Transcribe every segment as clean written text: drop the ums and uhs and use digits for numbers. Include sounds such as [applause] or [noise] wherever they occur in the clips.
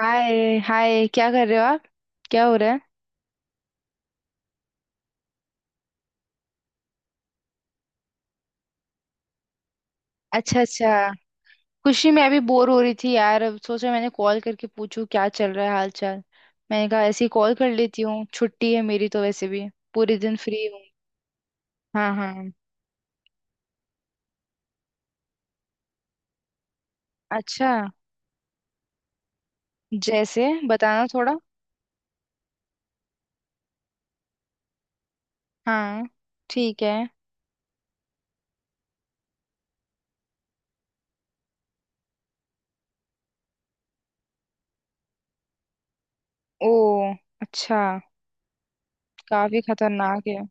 हाय hi, क्या कर रहे हो आप? क्या हो रहा है? अच्छा अच्छा। खुशी, मैं अभी बोर हो रही थी यार, अब सोचा मैंने कॉल करके पूछूं क्या चल रहा है, हाल चाल। मैंने कहा ऐसे ही कॉल कर लेती हूँ, छुट्टी है मेरी तो वैसे भी पूरे दिन फ्री हूँ। हाँ हाँ। अच्छा। जैसे बताना थोड़ा। हाँ। ठीक है। ओ। अच्छा। काफी खतरनाक है।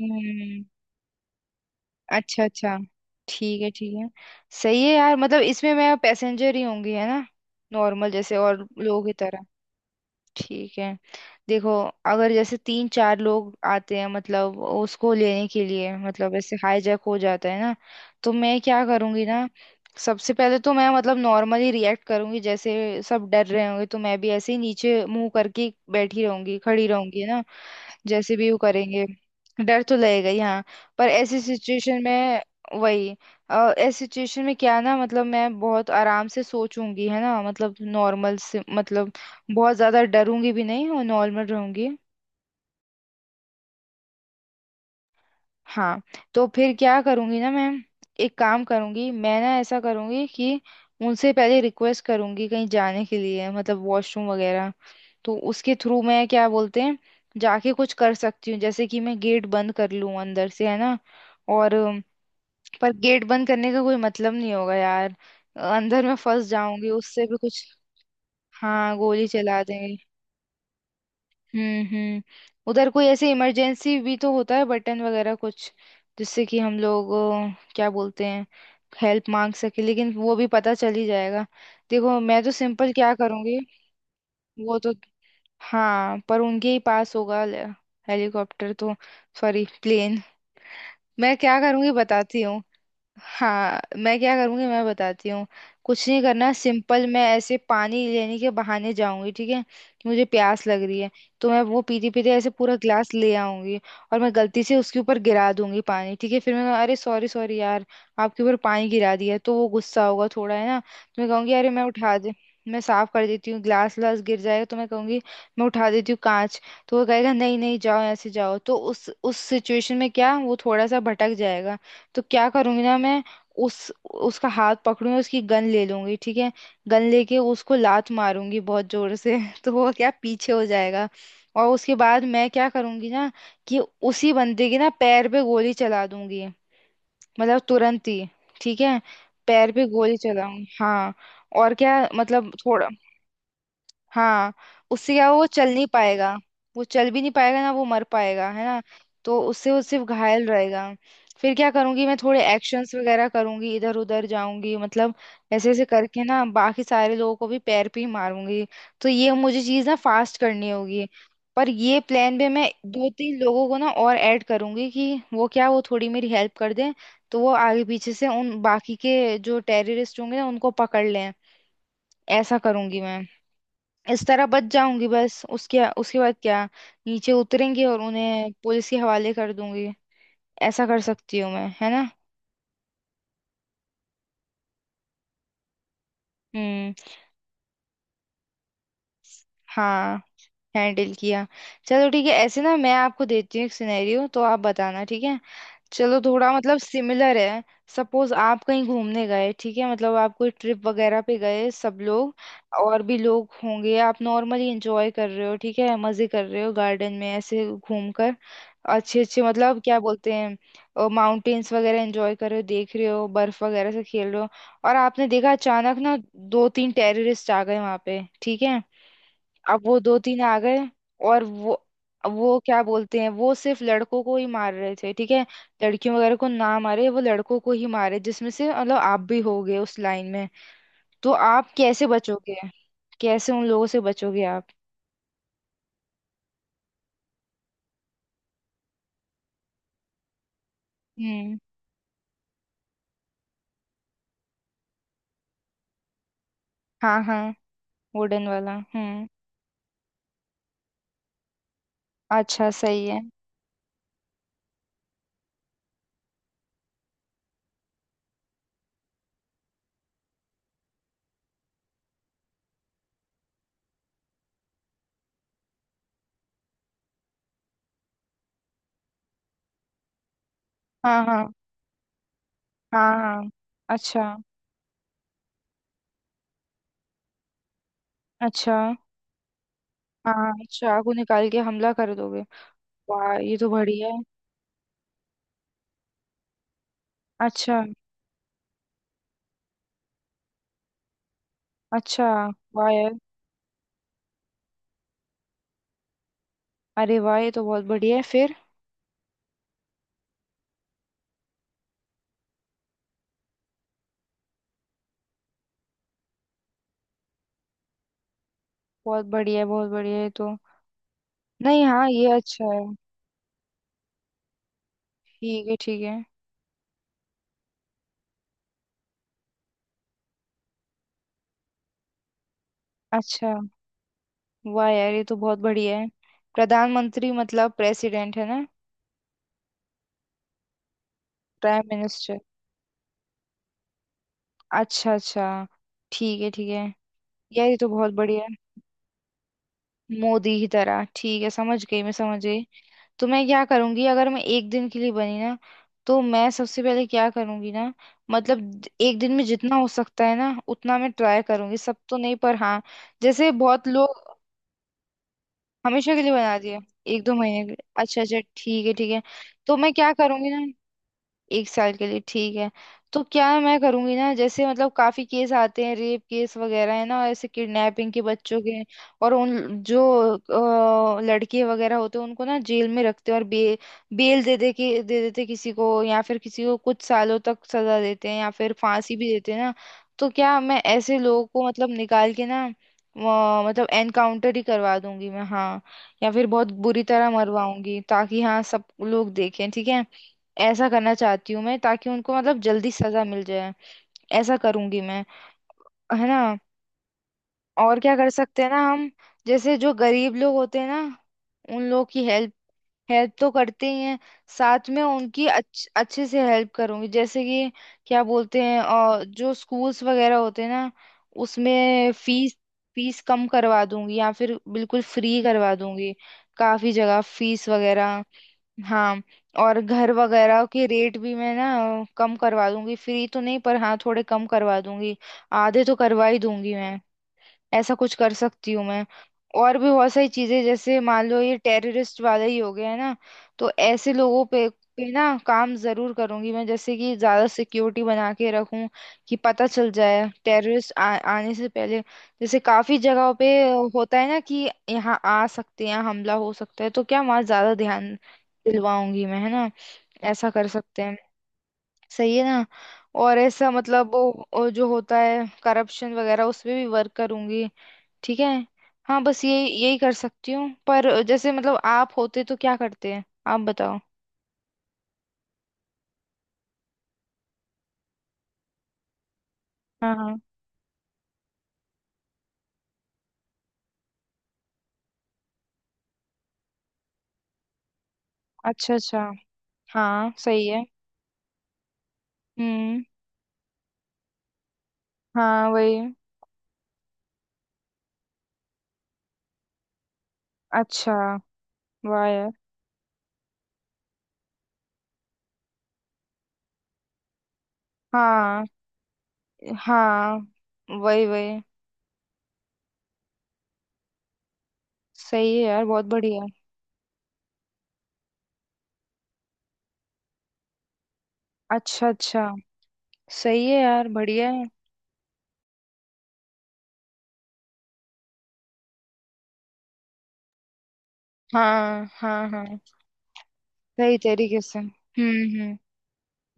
हम्म। अच्छा अच्छा। ठीक है ठीक है। सही है यार, मतलब इसमें मैं पैसेंजर ही होंगी है ना? नॉर्मल, जैसे और लोगों की तरह। ठीक है। देखो, अगर जैसे तीन चार लोग आते हैं मतलब उसको लेने के लिए, मतलब ऐसे हाईजैक हो जाता है ना। तो मैं क्या करूंगी ना, सबसे पहले तो मैं मतलब नॉर्मली रिएक्ट करूंगी, जैसे सब डर रहे होंगे तो मैं भी ऐसे ही नीचे मुंह करके बैठी रहूंगी खड़ी रहूंगी ना। जैसे भी वो करेंगे। डर तो लगेगा ही हाँ। पर ऐसी सिचुएशन में, वही, ऐसी सिचुएशन में क्या ना, मतलब मैं बहुत आराम से सोचूंगी है ना, मतलब नॉर्मल से, मतलब बहुत ज्यादा डरूंगी भी नहीं और नॉर्मल रहूंगी। हाँ। तो फिर क्या करूंगी ना मैं, एक काम करूंगी मैं ना, ऐसा करूंगी कि उनसे पहले रिक्वेस्ट करूंगी कहीं जाने के लिए, मतलब वॉशरूम वगैरह। तो उसके थ्रू मैं, क्या बोलते हैं, जाके कुछ कर सकती हूँ, जैसे कि मैं गेट बंद कर लूँ अंदर से है ना। और पर गेट बंद करने का कोई मतलब नहीं होगा यार, अंदर मैं फंस जाऊंगी, उससे भी कुछ। हाँ, गोली चला देंगे। हम्म। उधर कोई ऐसे इमरजेंसी भी तो होता है, बटन वगैरह कुछ, जिससे कि हम लोग क्या बोलते हैं, हेल्प मांग सके, लेकिन वो भी पता चल ही जाएगा। देखो मैं तो सिंपल क्या करूँगी। वो तो। हाँ पर उनके ही पास होगा हेलीकॉप्टर तो, सॉरी, प्लेन। मैं क्या करूँगी बताती हूँ। हाँ, मैं क्या करूँगी मैं बताती हूँ। कुछ नहीं करना, सिंपल मैं ऐसे पानी लेने के बहाने जाऊंगी, ठीक है, कि मुझे प्यास लग रही है। तो मैं वो पीते पीते ऐसे पूरा ग्लास ले आऊंगी। और मैं गलती से उसके ऊपर गिरा दूंगी पानी, ठीक है, फिर मैं कहूँ, अरे सॉरी सॉरी यार, आपके ऊपर पानी गिरा दिया, तो वो गुस्सा होगा थोड़ा है ना, तो मैं कहूंगी अरे मैं उठा दे, मैं साफ कर देती हूँ, ग्लास व्लास गिर जाएगा तो मैं कहूंगी मैं उठा देती हूँ कांच। तो वो कहेगा नहीं नहीं जाओ, ऐसे जाओ, तो उस सिचुएशन में क्या वो थोड़ा सा भटक जाएगा। तो क्या करूंगी ना मैं, उस उसका हाथ पकड़ूंगी, उसकी गन ले लूंगी, ठीक है। गन लेके उसको लात मारूंगी बहुत जोर से [laughs] तो वो क्या पीछे हो जाएगा। और उसके बाद मैं क्या करूंगी ना, कि उसी बंदे के ना पैर पे गोली चला दूंगी, मतलब तुरंत ही, ठीक है। पैर पे गोली चलाऊंगी हाँ। और क्या, मतलब थोड़ा। हाँ। उससे क्या वो चल नहीं पाएगा, वो चल भी नहीं पाएगा ना, वो मर पाएगा है ना। तो उससे वो सिर्फ घायल रहेगा। फिर क्या करूंगी मैं, थोड़े एक्शंस वगैरह करूंगी इधर उधर जाऊंगी मतलब, ऐसे ऐसे करके ना बाकी सारे लोगों को भी पैर पे ही मारूंगी। तो ये मुझे चीज ना फास्ट करनी होगी। पर ये प्लान में मैं दो तीन लोगों को ना और ऐड करूंगी, कि वो क्या, वो थोड़ी मेरी हेल्प कर दें। तो वो आगे पीछे से उन बाकी के जो टेररिस्ट होंगे ना उनको पकड़ लें। ऐसा करूंगी मैं। इस तरह बच जाऊंगी बस, उसके उसके बाद क्या, नीचे उतरेंगे और उन्हें पुलिस के हवाले कर दूंगी। ऐसा कर सकती हूँ मैं, है ना? हम्म। हाँ, हैंडल किया। चलो ठीक है, ऐसे ना मैं आपको देती हूँ एक सिनेरियो तो आप बताना, ठीक है। चलो थोड़ा, मतलब सिमिलर है। सपोज आप कहीं घूमने गए, ठीक है, मतलब आप कोई ट्रिप वगैरह पे गए सब लोग, और भी लोग होंगे, आप नॉर्मली एंजॉय कर रहे हो, ठीक है, मजे कर रहे हो गार्डन में ऐसे घूम कर। अच्छे अच्छे, मतलब क्या बोलते हैं, माउंटेन्स वगैरह एंजॉय कर रहे हो, देख रहे हो, बर्फ वगैरह से खेल रहे हो। और आपने देखा अचानक ना दो तीन टेररिस्ट आ गए वहां पे, ठीक है। अब वो दो तीन आ गए, और वो क्या बोलते हैं, वो सिर्फ लड़कों को ही मार रहे थे, ठीक है। लड़कियों वगैरह को ना मारे, वो लड़कों को ही मारे, जिसमें से मतलब आप भी हो गए उस लाइन में। तो आप कैसे बचोगे? कैसे उन लोगों से बचोगे आप? हम्म। हाँ हाँ। वुडन वाला, हम्म। अच्छा सही है। हाँ हाँ। हाँ हाँ। अच्छा। अच्छा। हाँ, चाकू निकाल के हमला कर दोगे। वाह, ये तो बढ़िया है। अच्छा। अच्छा। वाह यार। अरे वाह, ये तो बहुत बढ़िया है फिर। बहुत बढ़िया है, बहुत बढ़िया ये तो। नहीं हाँ, ये अच्छा है। ठीक है ठीक है। अच्छा। वाह यार, ये तो बहुत बढ़िया है। प्रधानमंत्री मतलब प्रेसिडेंट है ना? Prime minister. अच्छा अच्छा। ठीक है ठीक है। यार ये तो बहुत बढ़िया है। मोदी की तरह, ठीक है, समझ गई मैं समझ गई। तो मैं क्या करूंगी अगर मैं एक दिन के लिए बनी ना, तो मैं सबसे पहले क्या करूंगी ना, मतलब एक दिन में जितना हो सकता है ना उतना मैं ट्राई करूंगी, सब तो नहीं पर हाँ, जैसे बहुत लोग। हमेशा के लिए बना दिए, एक दो महीने के लिए, अच्छा अच्छा ठीक है ठीक है। तो मैं क्या करूंगी ना, एक साल के लिए, ठीक है। तो क्या है मैं करूंगी ना, जैसे मतलब काफी केस आते हैं, रेप केस वगैरह है ना, ऐसे किडनैपिंग के बच्चों के, और उन जो लड़के वगैरह होते हैं उनको ना जेल में रखते हैं, और बेल दे दे के दे देते किसी को, या फिर किसी को कुछ सालों तक सजा देते हैं, या फिर फांसी भी देते हैं ना। तो क्या मैं ऐसे लोगों को मतलब निकाल के ना मतलब एनकाउंटर ही करवा दूंगी मैं हाँ, या फिर बहुत बुरी तरह मरवाऊंगी ताकि हाँ सब लोग देखें, ठीक है। ऐसा करना चाहती हूँ मैं, ताकि उनको मतलब जल्दी सजा मिल जाए। ऐसा करूंगी मैं, है ना। और क्या कर सकते हैं ना हम, जैसे जो गरीब लोग होते हैं ना, उन लोगों की हेल्प, हेल्प तो करते ही हैं, साथ में उनकी अच्छे से हेल्प करूंगी, जैसे कि क्या बोलते हैं, और जो स्कूल्स वगैरह होते हैं ना, उसमें फीस, फीस कम करवा दूंगी, या फिर बिल्कुल फ्री करवा दूंगी। काफी जगह फीस वगैरह। हाँ। और घर वगैरह के रेट भी मैं ना कम करवा दूंगी, फ्री तो नहीं पर हाँ थोड़े कम करवा दूंगी, आधे तो करवा ही दूंगी मैं। ऐसा कुछ कर सकती हूँ मैं। और भी बहुत सारी चीजें, जैसे मान लो ये टेररिस्ट वाला ही हो गया है ना, तो ऐसे लोगों पे पे ना काम जरूर करूंगी मैं, जैसे कि ज्यादा सिक्योरिटी बना के रखूं कि पता चल जाए टेररिस्ट आने से पहले। जैसे काफी जगहों पे होता है ना कि यहाँ आ सकते हैं, यहाँ हमला हो सकता है, तो क्या वहां ज्यादा ध्यान दिलवाऊंगी मैं है ना। ऐसा कर सकते हैं। सही है ना। और ऐसा मतलब वो जो होता है करप्शन वगैरह उस पे भी वर्क करूंगी, ठीक है। हाँ बस ये यही कर सकती हूँ, पर जैसे मतलब आप होते तो क्या करते हैं, आप बताओ। हाँ हाँ। अच्छा अच्छा। हाँ सही है। हम्म। हाँ वही। अच्छा। वाह यार। हाँ हाँ, वही वही। सही है यार, बहुत बढ़िया। अच्छा अच्छा। सही है यार, बढ़िया है। हाँ हाँ हाँ। सही तरीके से, हम्म।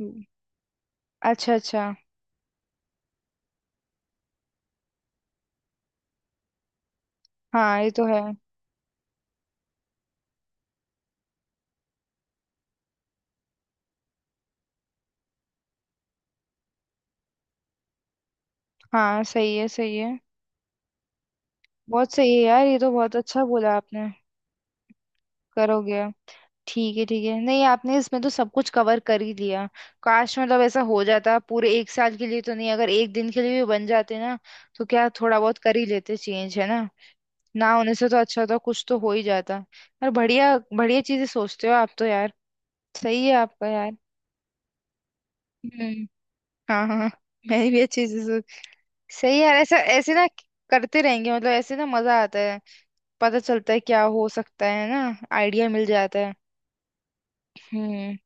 हम्म। अच्छा अच्छा। हाँ ये तो है। हाँ सही है सही है। बहुत सही है यार, ये तो बहुत अच्छा बोला आपने। करोगे। ठीक है ठीक है, नहीं आपने इसमें तो सब कुछ कवर कर ही लिया। काश मतलब ऐसा हो जाता, पूरे एक साल के लिए तो नहीं, अगर एक दिन के लिए भी बन जाते ना तो क्या थोड़ा बहुत कर ही लेते चेंज, है ना। ना होने से तो अच्छा था, कुछ तो हो ही जाता। यार बढ़िया बढ़िया चीजें सोचते हो आप तो यार। सही है आपका यार। हम्म। हाँ हाँ। मैं भी अच्छी चीजें सोच। सही है यार, ऐसा ऐसे ना करते रहेंगे, मतलब ऐसे ना मजा आता है, पता चलता है क्या हो सकता है ना, आइडिया मिल जाता है। हम्म।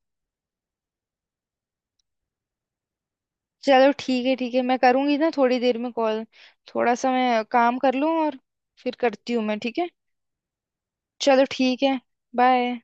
चलो ठीक है ठीक है, मैं करूंगी ना थोड़ी देर में कॉल, थोड़ा सा मैं काम कर लूँ और फिर करती हूँ मैं, ठीक है। चलो ठीक है। बाय।